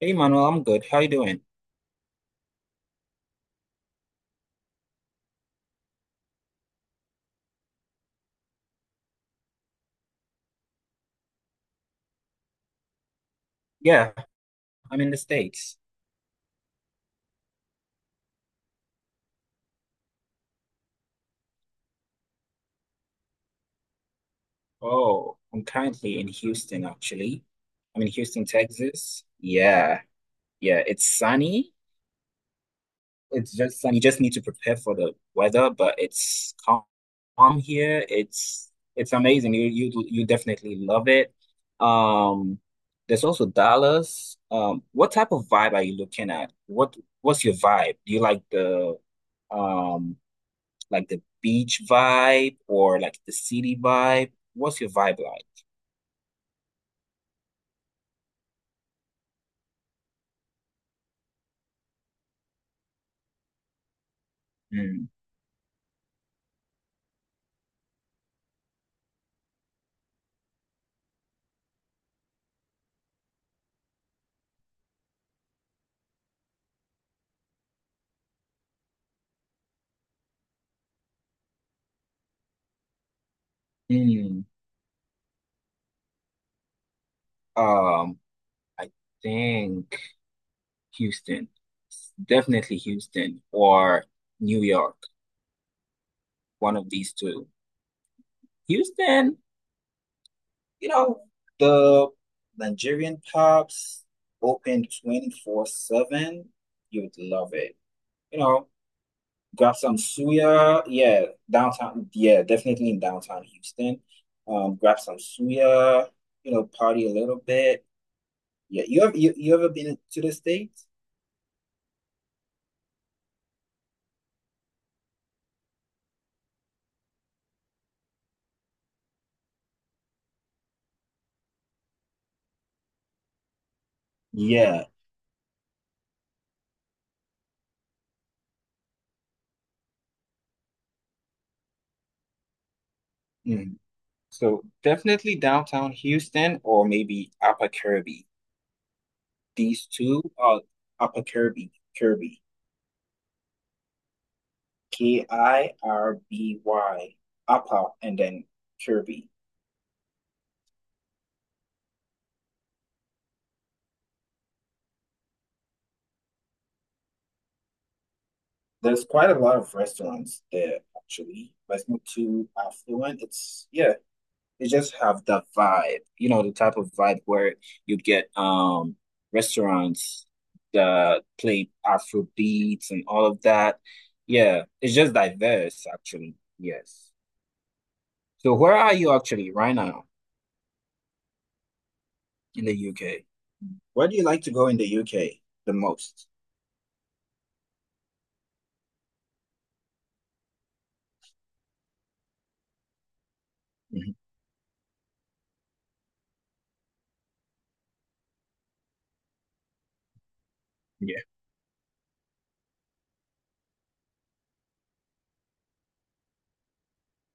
Hey Manuel, I'm good. How you doing? Yeah, I'm in the States. Oh, I'm currently in Houston, actually. I'm in Houston, Texas. Yeah, yeah, it's sunny. It's just sunny. You just need to prepare for the weather, but it's calm here. It's amazing. You definitely love it. Um, there's also Dallas. What type of vibe are you looking at? What's your vibe? Do you like the um like the beach vibe or like the city vibe? What's your vibe like? Mm, mm. Um, I think Houston. Definitely Houston or New York. One of these two. Houston, you know, the Nigerian pubs open 24/7. You would love it. You know, grab some suya, yeah, downtown, yeah, definitely in downtown Houston. Grab some suya, you know, party a little bit. Yeah, you ever been to the States? Yeah. Mhm. So definitely downtown Houston or maybe Upper Kirby. These two are Upper Kirby, Kirby, Upper and then Kirby. There's quite a lot of restaurants there, actually. But it's not too affluent. It's yeah. They just have that vibe, you know, the type of vibe where you get restaurants that play Afro beats and all of that. Yeah, it's just diverse, actually. Yes. So, where are you actually right now in the UK? Where do you like to go in the UK the most? Mhm. Yeah.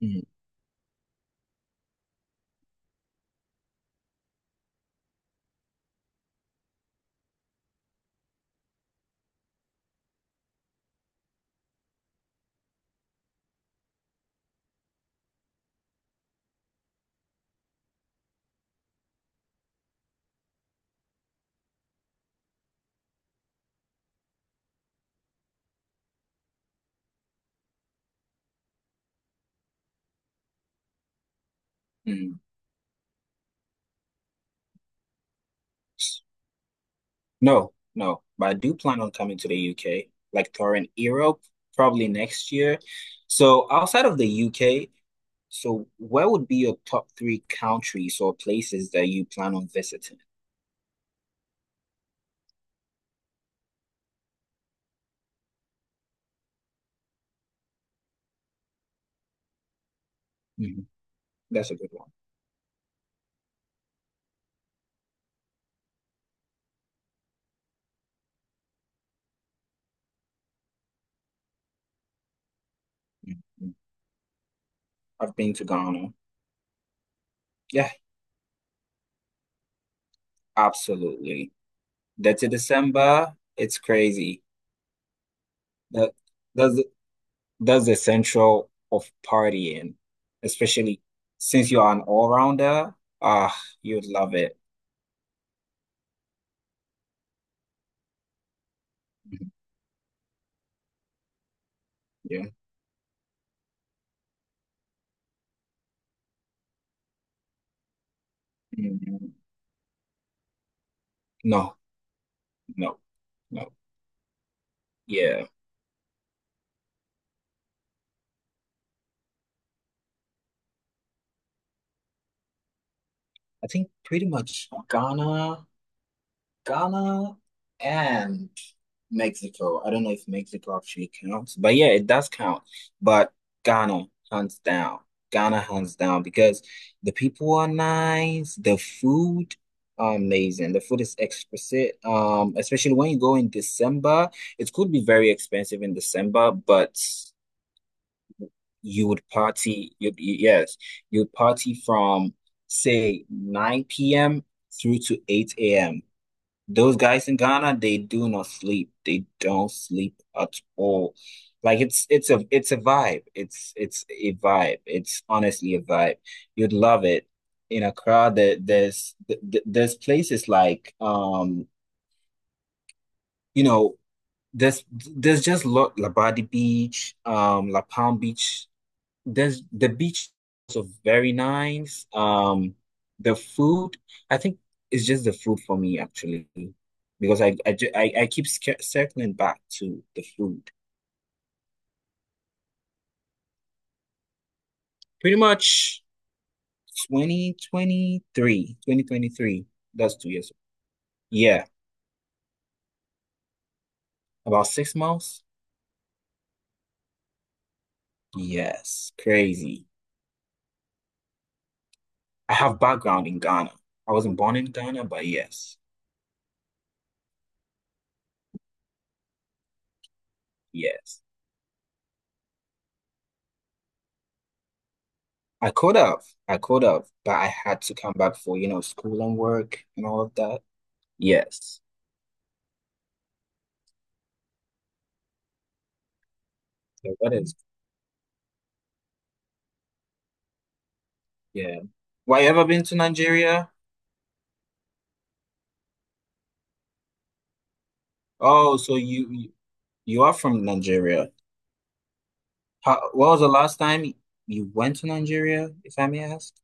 Mhm. Mhm. No, no, but I do plan on coming to the UK, like touring Europe probably next year. So outside of the UK, so where would be your top 3 countries or places that you plan on visiting? Mhm. That's a good one. Mhm. I've been to Ghana. Yeah, absolutely. That's in December. It's crazy. That that's the- that's the central of partying, especially since you're an all-rounder. Ah, you'd love it. Mhm. Yeah. Mm, No, no, no. Yeah. I think pretty much Ghana. Ghana and Mexico. I don't know if Mexico actually counts, but yeah, it does count. But Ghana, hands down. Ghana, hands down, because the people are nice, the food are amazing. The food is exquisite. Especially when you go in December, it could be very expensive in December, but you would party. You'd party from say 9 p.m. through to 8 a.m. Those guys in Ghana, they do not sleep. They don't sleep at all. Like it's a vibe. It's a vibe. It's honestly a vibe. You'd love it. In Accra, there's places like you know, there's just lot Labadi Beach, La Palm Beach, there's the beach is also very nice. The food, I think it's just the food for me, actually, because I keep circling back to the food. Pretty much twenty twenty three. That's 2 years. Yeah, about 6 months. Yes, crazy. I have background in Ghana. I wasn't born in Ghana, but yes, yes. I could have, but I had to come back for, you know, school and work and all of that. Yes. So what is, yeah. Why you ever been to Nigeria? Oh, so you you are from Nigeria. What was the last time you went to Nigeria, if I may ask?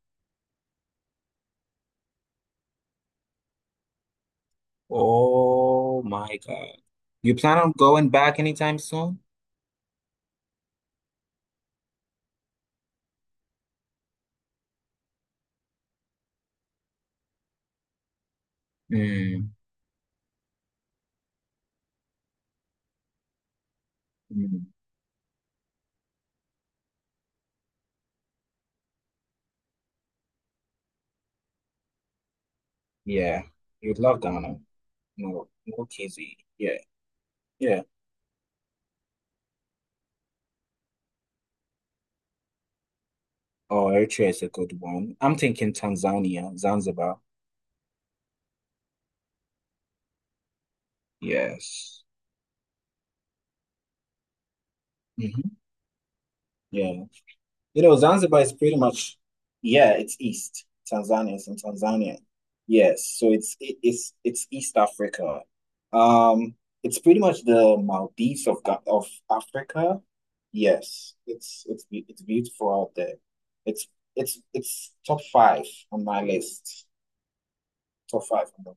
Oh my God. You plan on going back anytime soon? Mm, mm, yeah. You'd love Ghana. No, no KZ. Yeah, yeah. Oh, Eritrea is a good one. I'm thinking Tanzania, Zanzibar. Yes. Hmm. Yeah. Zanzibar is pretty much, yeah, it's east. Tanzania is Tanzania. Yes, so it's it's East Africa. Um, it's pretty much the Maldives of of Africa. Yes, it's beautiful out there. It's it's top 5 on my list. Top 5 on the-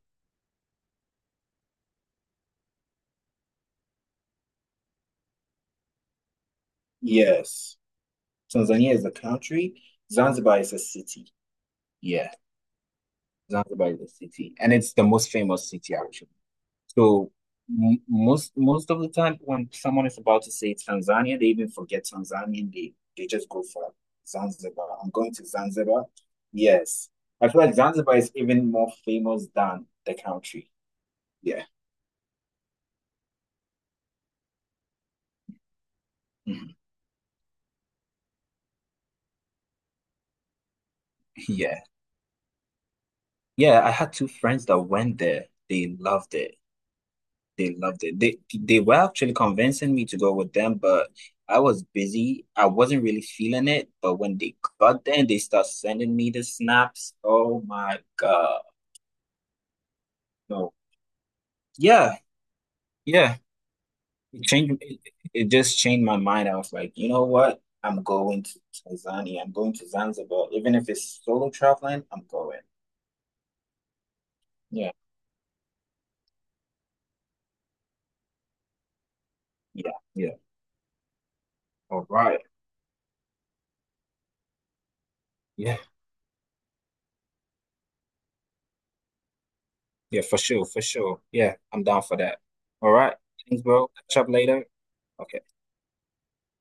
Yes, Tanzania is a country. Zanzibar is a city. Yeah. Zanzibar is a city, and it's the most famous city, actually. So m most most of the time when someone is about to say Tanzania, they even forget Tanzania and they just go for Zanzibar. I'm going to Zanzibar. Yes. I feel like Zanzibar is even more famous than the country. Yeah. Mhm. Yeah. Yeah, I had 2 friends that went there. They loved it. They loved it. They were actually convincing me to go with them, but I was busy. I wasn't really feeling it. But when they got there and they start sending me the snaps, oh my God. No. Yeah, yeah. It changed it, it just changed my mind. I was like, you know what? I'm going to Tanzania. I'm going to Zanzibar. Even if it's solo traveling, I'm going. Yeah, yeah, yeah. All right. Yeah, yeah, for sure, for sure. Yeah, I'm down for that. All right. Thanks, bro. Catch up later. Okay.